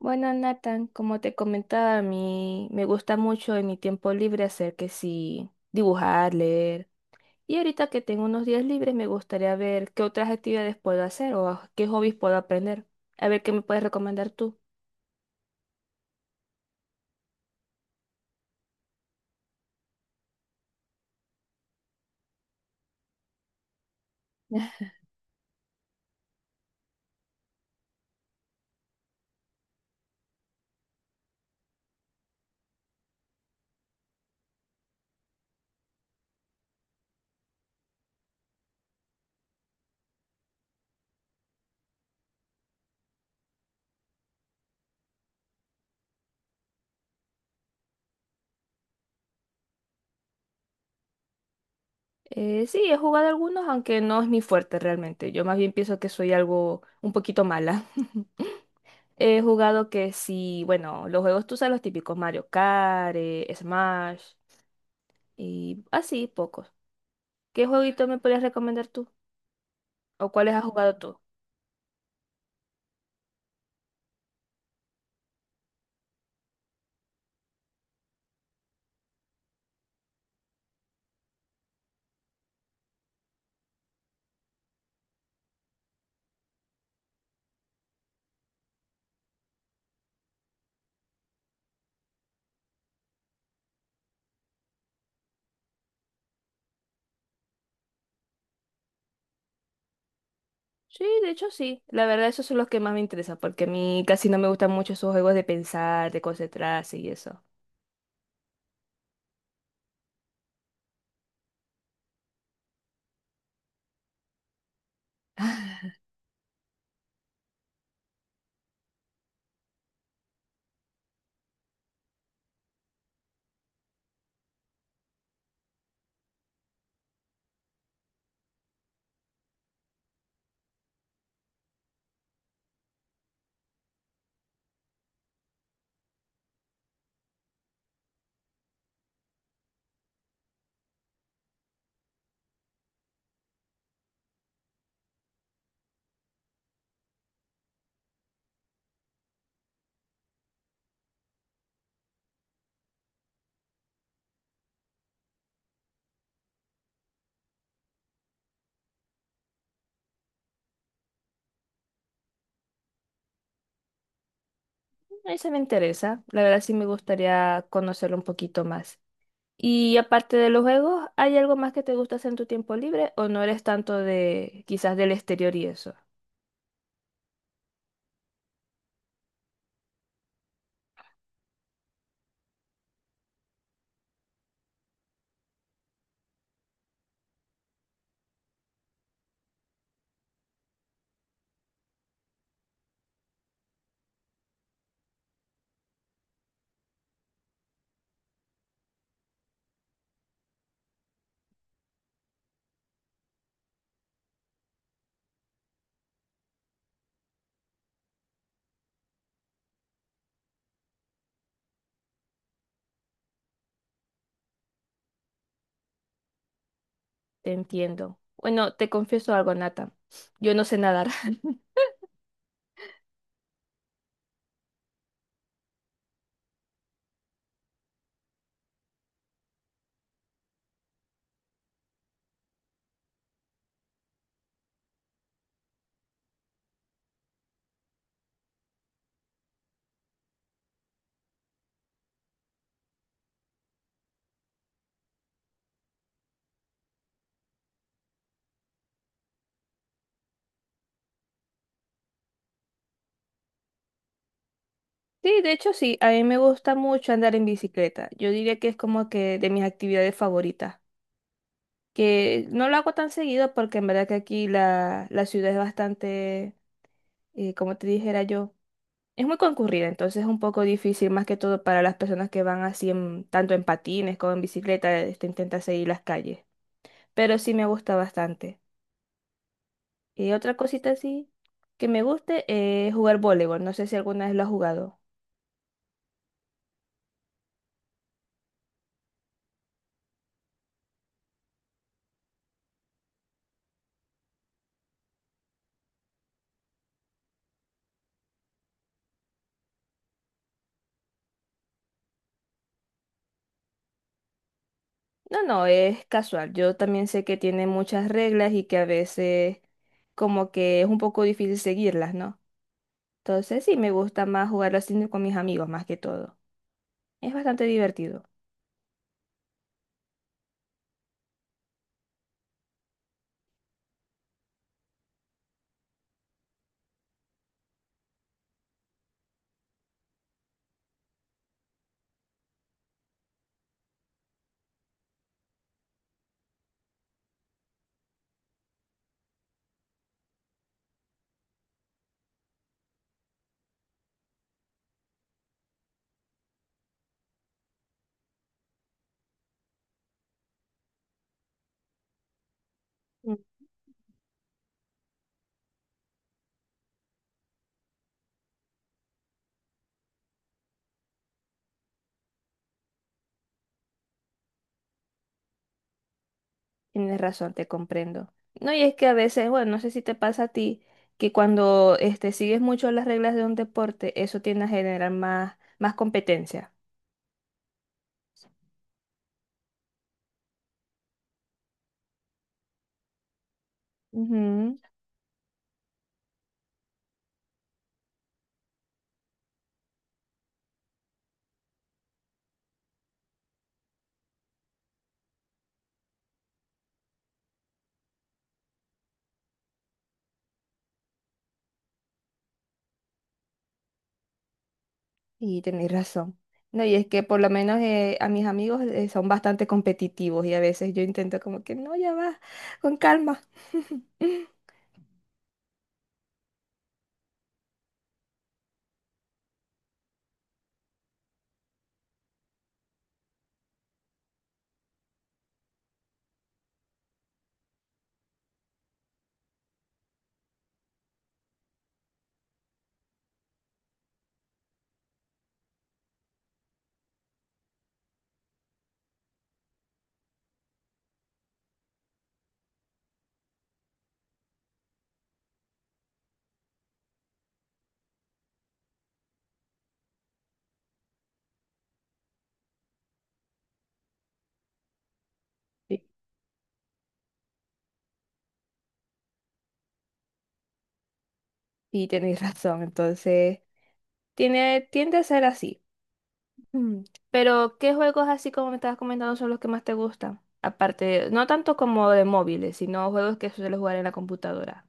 Bueno, Nathan, como te comentaba, a mí me gusta mucho en mi tiempo libre hacer que sí, dibujar, leer. Y ahorita que tengo unos días libres, me gustaría ver qué otras actividades puedo hacer qué hobbies puedo aprender. A ver qué me puedes recomendar tú. Sí, he jugado algunos, aunque no es mi fuerte realmente. Yo más bien pienso que soy algo un poquito mala. He jugado que sí, bueno, los juegos tú sabes los típicos, Mario Kart, Smash y así, pocos. ¿Qué jueguito me podrías recomendar tú? ¿O cuáles has jugado tú? Sí, de hecho sí. La verdad, esos son los que más me interesan, porque a mí casi no me gustan mucho esos juegos de pensar, de concentrarse y eso. Ese me interesa. La verdad, sí me gustaría conocerlo un poquito más. Y aparte de los juegos, ¿hay algo más que te gusta hacer en tu tiempo libre o no eres tanto de quizás del exterior y eso? Te entiendo. Bueno, te confieso algo, Nata. Yo no sé nadar. Sí, de hecho sí, a mí me gusta mucho andar en bicicleta. Yo diría que es como que de mis actividades favoritas, que no lo hago tan seguido porque en verdad que aquí la ciudad es bastante, como te dijera yo, es muy concurrida, entonces es un poco difícil más que todo para las personas que van así en, tanto en patines como en bicicleta, este, intenta seguir las calles, pero sí me gusta bastante. Y otra cosita así que me guste es jugar voleibol, no sé si alguna vez lo has jugado. No, no, es casual. Yo también sé que tiene muchas reglas y que a veces como que es un poco difícil seguirlas, ¿no? Entonces sí, me gusta más jugarlo así con mis amigos más que todo. Es bastante divertido. Mm. Tienes razón, te comprendo. No, y es que a veces, bueno, no sé si te pasa a ti, que cuando este, sigues mucho las reglas de un deporte, eso tiende a generar más, más competencia. Y tenéis razón. No, y es que por lo menos a mis amigos son bastante competitivos y a veces yo intento como que no, ya va, con calma. Y, y tenéis razón, entonces tiene, tiende a ser así. Mm. Pero, ¿qué juegos así como me estabas comentando son los que más te gustan? Aparte, no tanto como de móviles, sino juegos que suelo jugar en la computadora.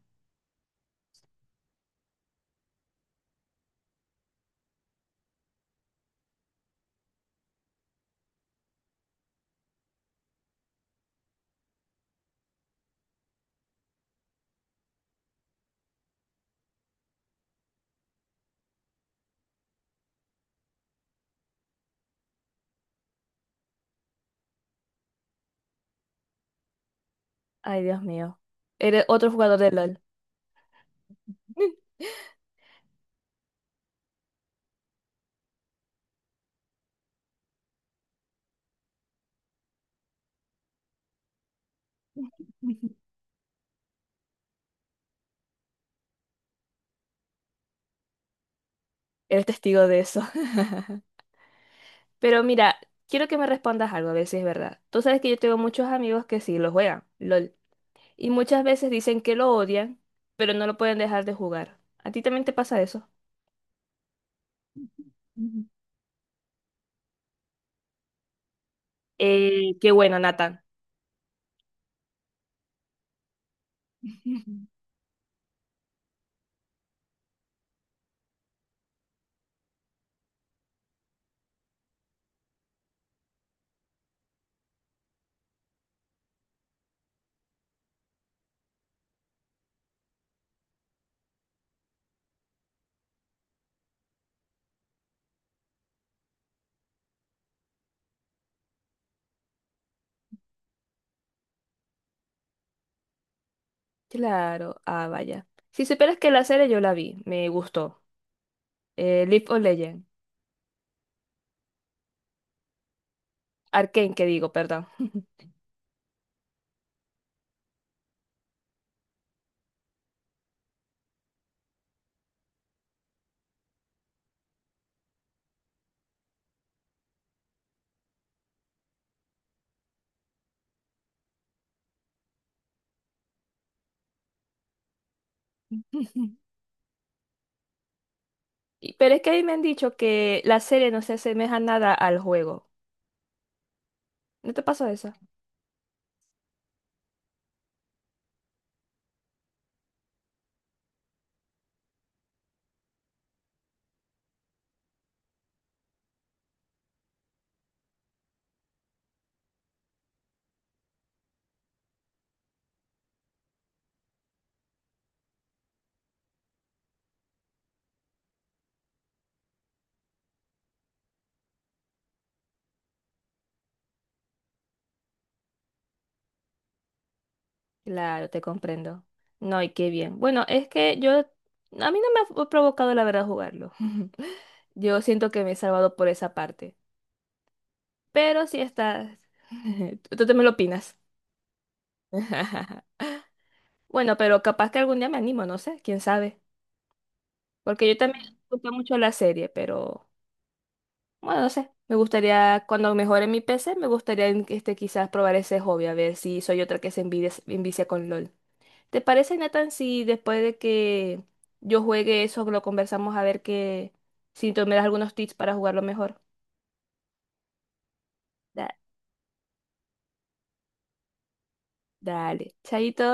Ay, Dios mío. Eres otro jugador de LOL. Eres testigo de eso. Pero mira, quiero que me respondas algo, a ver si es verdad. Tú sabes que yo tengo muchos amigos que sí lo juegan, LOL, y muchas veces dicen que lo odian, pero no lo pueden dejar de jugar. ¿A ti también te pasa eso? Ujú. Qué bueno, Nathan. Ujú. Claro, ah, vaya. Si supieras que la serie yo la vi, me gustó. League of Legends, Arcane, que digo, perdón. Y- pero es que a mí me han dicho que la serie no se asemeja nada al juego. ¿No te pasó? Claro, te comprendo. No, y qué bien. Bueno, es que yo, a mí no me ha provocado la verdad jugarlo. Yo siento que me he salvado por esa parte. Pero si estás, tú también lo opinas. Bueno, pero capaz que algún día me animo, no sé, quién sabe. Porque yo también me gusta mucho la serie, pero bueno, no sé. Me gustaría, cuando mejore mi PC, me gustaría este, quizás probar ese hobby, a ver si soy otra que se envicia con LOL. ¿Te parece, Nathan, si después de que yo juegue eso lo conversamos a ver que si tú me das algunos tips para jugarlo mejor? Da- dale, chaito.